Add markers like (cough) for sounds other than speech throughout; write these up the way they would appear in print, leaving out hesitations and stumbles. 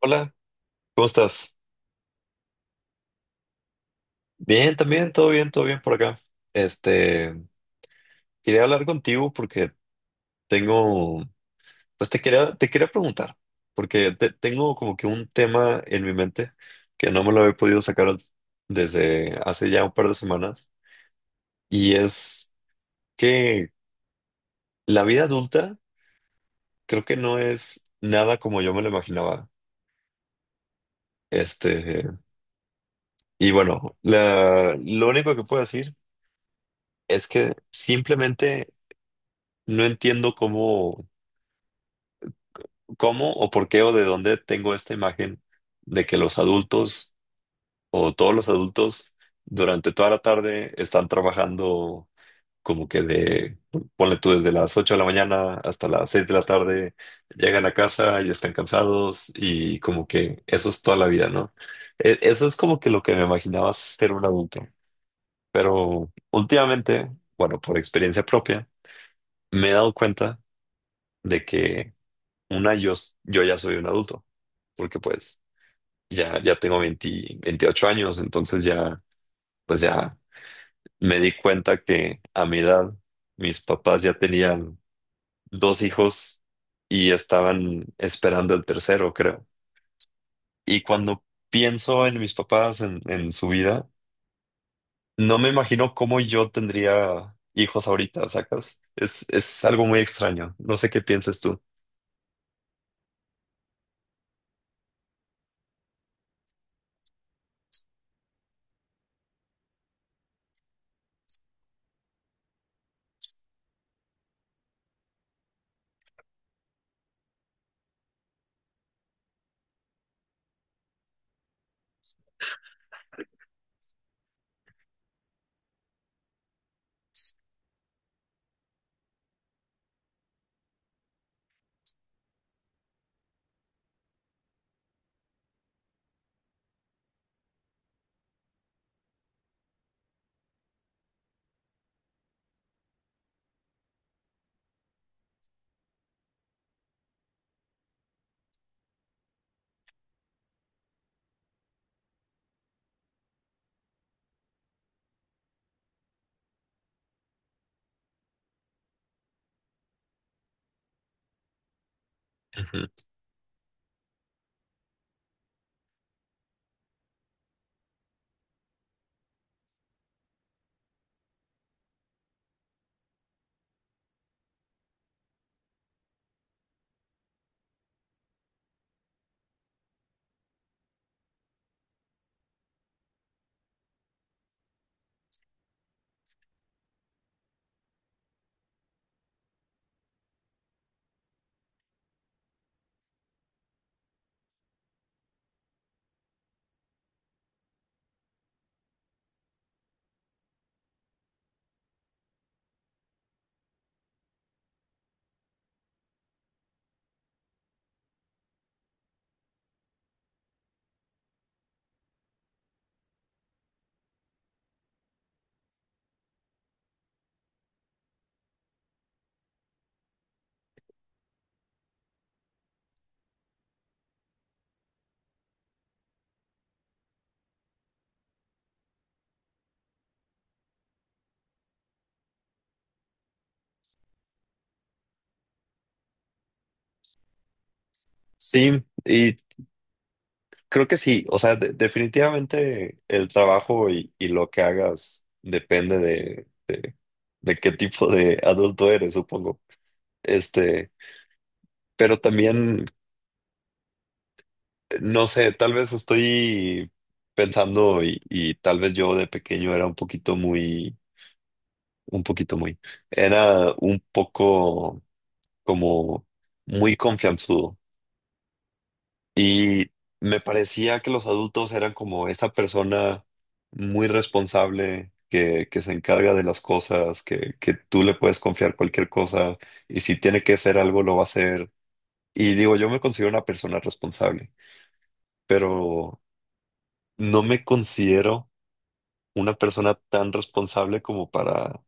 Hola, ¿cómo estás? Bien, también, todo bien por acá. Este, Quería hablar contigo porque tengo, pues te quería preguntar, porque tengo como que un tema en mi mente que no me lo he podido sacar desde hace ya un par de semanas, y es que la vida adulta creo que no es nada como yo me lo imaginaba. Este, y bueno, lo único que puedo decir es que simplemente no entiendo cómo o por qué o de dónde tengo esta imagen de que los adultos o todos los adultos durante toda la tarde están trabajando como que ponle tú desde las 8 de la mañana hasta las 6 de la tarde, llegan a casa y están cansados y como que eso es toda la vida, ¿no? Eso es como que lo que me imaginaba ser un adulto, pero últimamente, bueno, por experiencia propia, me he dado cuenta de que una, yo, yo ya soy un adulto, porque pues ya, ya tengo 20 28 años, entonces ya, pues ya me di cuenta que a mi edad mis papás ya tenían dos hijos y estaban esperando el tercero, creo. Y cuando pienso en mis papás, en su vida, no me imagino cómo yo tendría hijos ahorita, ¿sacas? Es algo muy extraño. No sé qué piensas tú. Ujú. Sí, y creo que sí, o sea, definitivamente el trabajo y lo que hagas depende de qué tipo de adulto eres, supongo. Este, pero también, no sé, tal vez estoy pensando y tal vez yo de pequeño era un poquito muy, un poco como muy confianzudo y me parecía que los adultos eran como esa persona muy responsable. Que se encarga de las cosas, que tú le puedes confiar cualquier cosa y si tiene que hacer algo lo va a hacer. Y digo, yo me considero una persona responsable, pero no me considero una persona tan responsable como para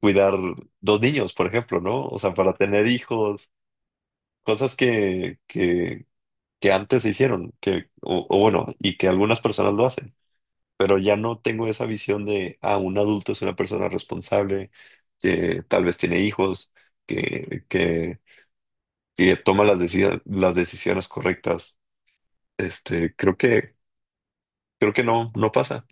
cuidar dos niños, por ejemplo, ¿no? O sea, para tener hijos, cosas que antes se hicieron, o bueno, y que algunas personas lo hacen, pero ya no tengo esa visión de, ah, un adulto es una persona responsable, que tal vez tiene hijos, que, que, que toma las decisiones correctas. Este, creo que creo que no, no pasa.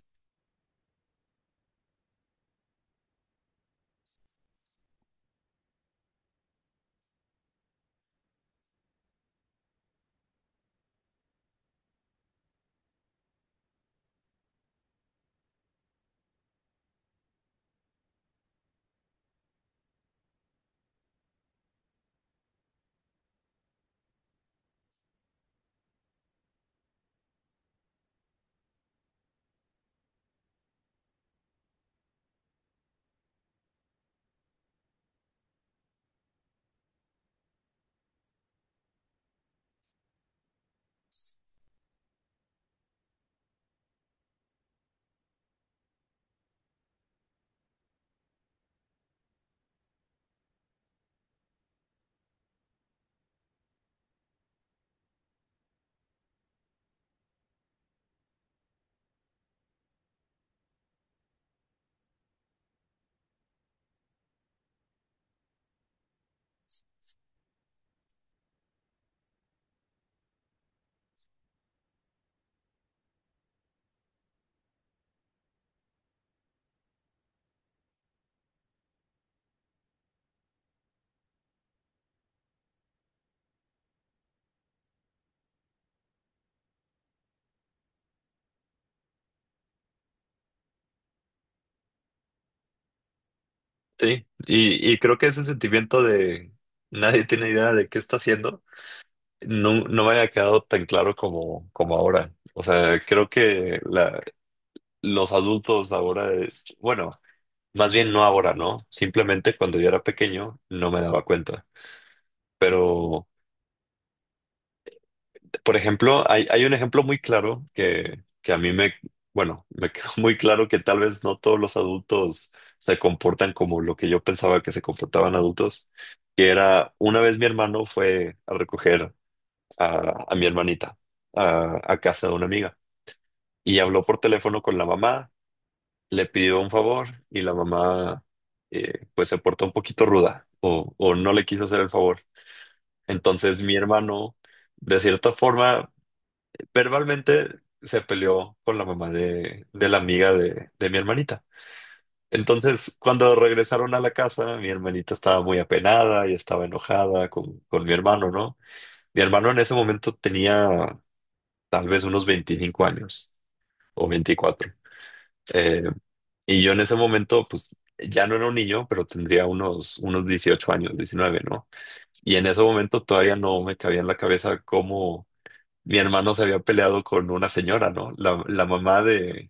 Sí, y creo que ese sentimiento de nadie tiene idea de qué está haciendo, no me había quedado tan claro como ahora. O sea, creo que los adultos ahora, bueno, más bien no ahora, ¿no? Simplemente cuando yo era pequeño no me daba cuenta. Pero por ejemplo, hay un ejemplo muy claro que a mí me, bueno, me (laughs) quedó muy claro que tal vez no todos los adultos se comportan como lo que yo pensaba que se comportaban adultos, que era una vez mi hermano fue a recoger a mi hermanita a casa de una amiga y habló por teléfono con la mamá, le pidió un favor y la mamá pues se portó un poquito ruda o no le quiso hacer el favor. Entonces mi hermano de cierta forma verbalmente se peleó con la mamá de la amiga de mi hermanita. Entonces, cuando regresaron a la casa, mi hermanita estaba muy apenada y estaba enojada con mi hermano, ¿no? Mi hermano en ese momento tenía tal vez unos 25 años o 24. Eh, y yo en ese momento, pues ya no era un niño, pero tendría unos 18 años, 19, ¿no? Y en ese momento todavía no me cabía en la cabeza cómo mi hermano se había peleado con una señora, ¿no? La mamá de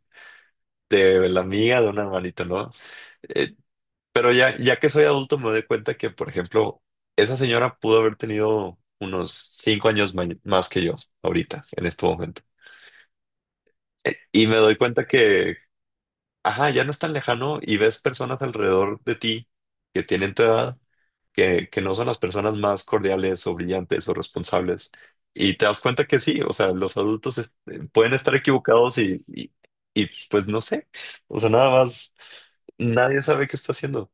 de la amiga, de un hermanito, ¿no? Eh, pero ya, ya que soy adulto me doy cuenta que, por ejemplo, esa señora pudo haber tenido unos 5 años más que yo ahorita, en este momento. Y me doy cuenta que, ajá, ya no es tan lejano y ves personas alrededor de ti que tienen tu edad, que no son las personas más cordiales o brillantes o responsables. Y te das cuenta que sí, o sea, los adultos pueden estar equivocados y, pues no sé, o sea, nada más. Nadie sabe qué está haciendo.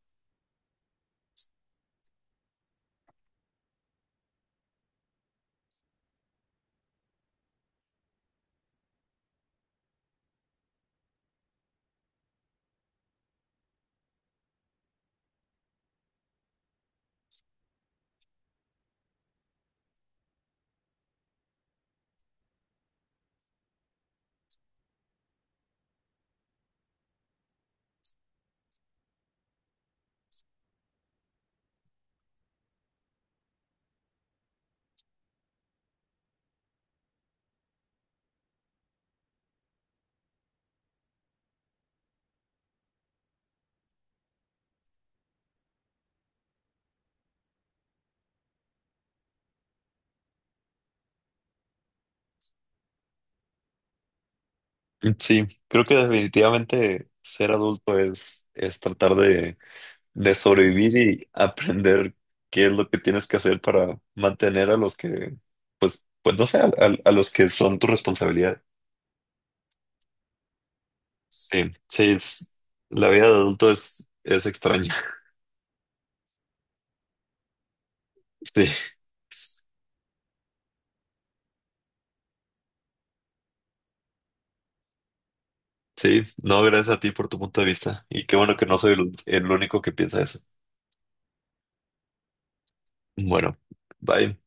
Sí, creo que definitivamente ser adulto es, tratar de sobrevivir y aprender qué es lo que tienes que hacer para mantener a los que, pues no sé, a los que son tu responsabilidad. Sí, sí, la vida de adulto es, extraña. (laughs) Sí, sí, no, gracias a ti por tu punto de vista. Y qué bueno que no soy el único que piensa eso. Bueno, bye.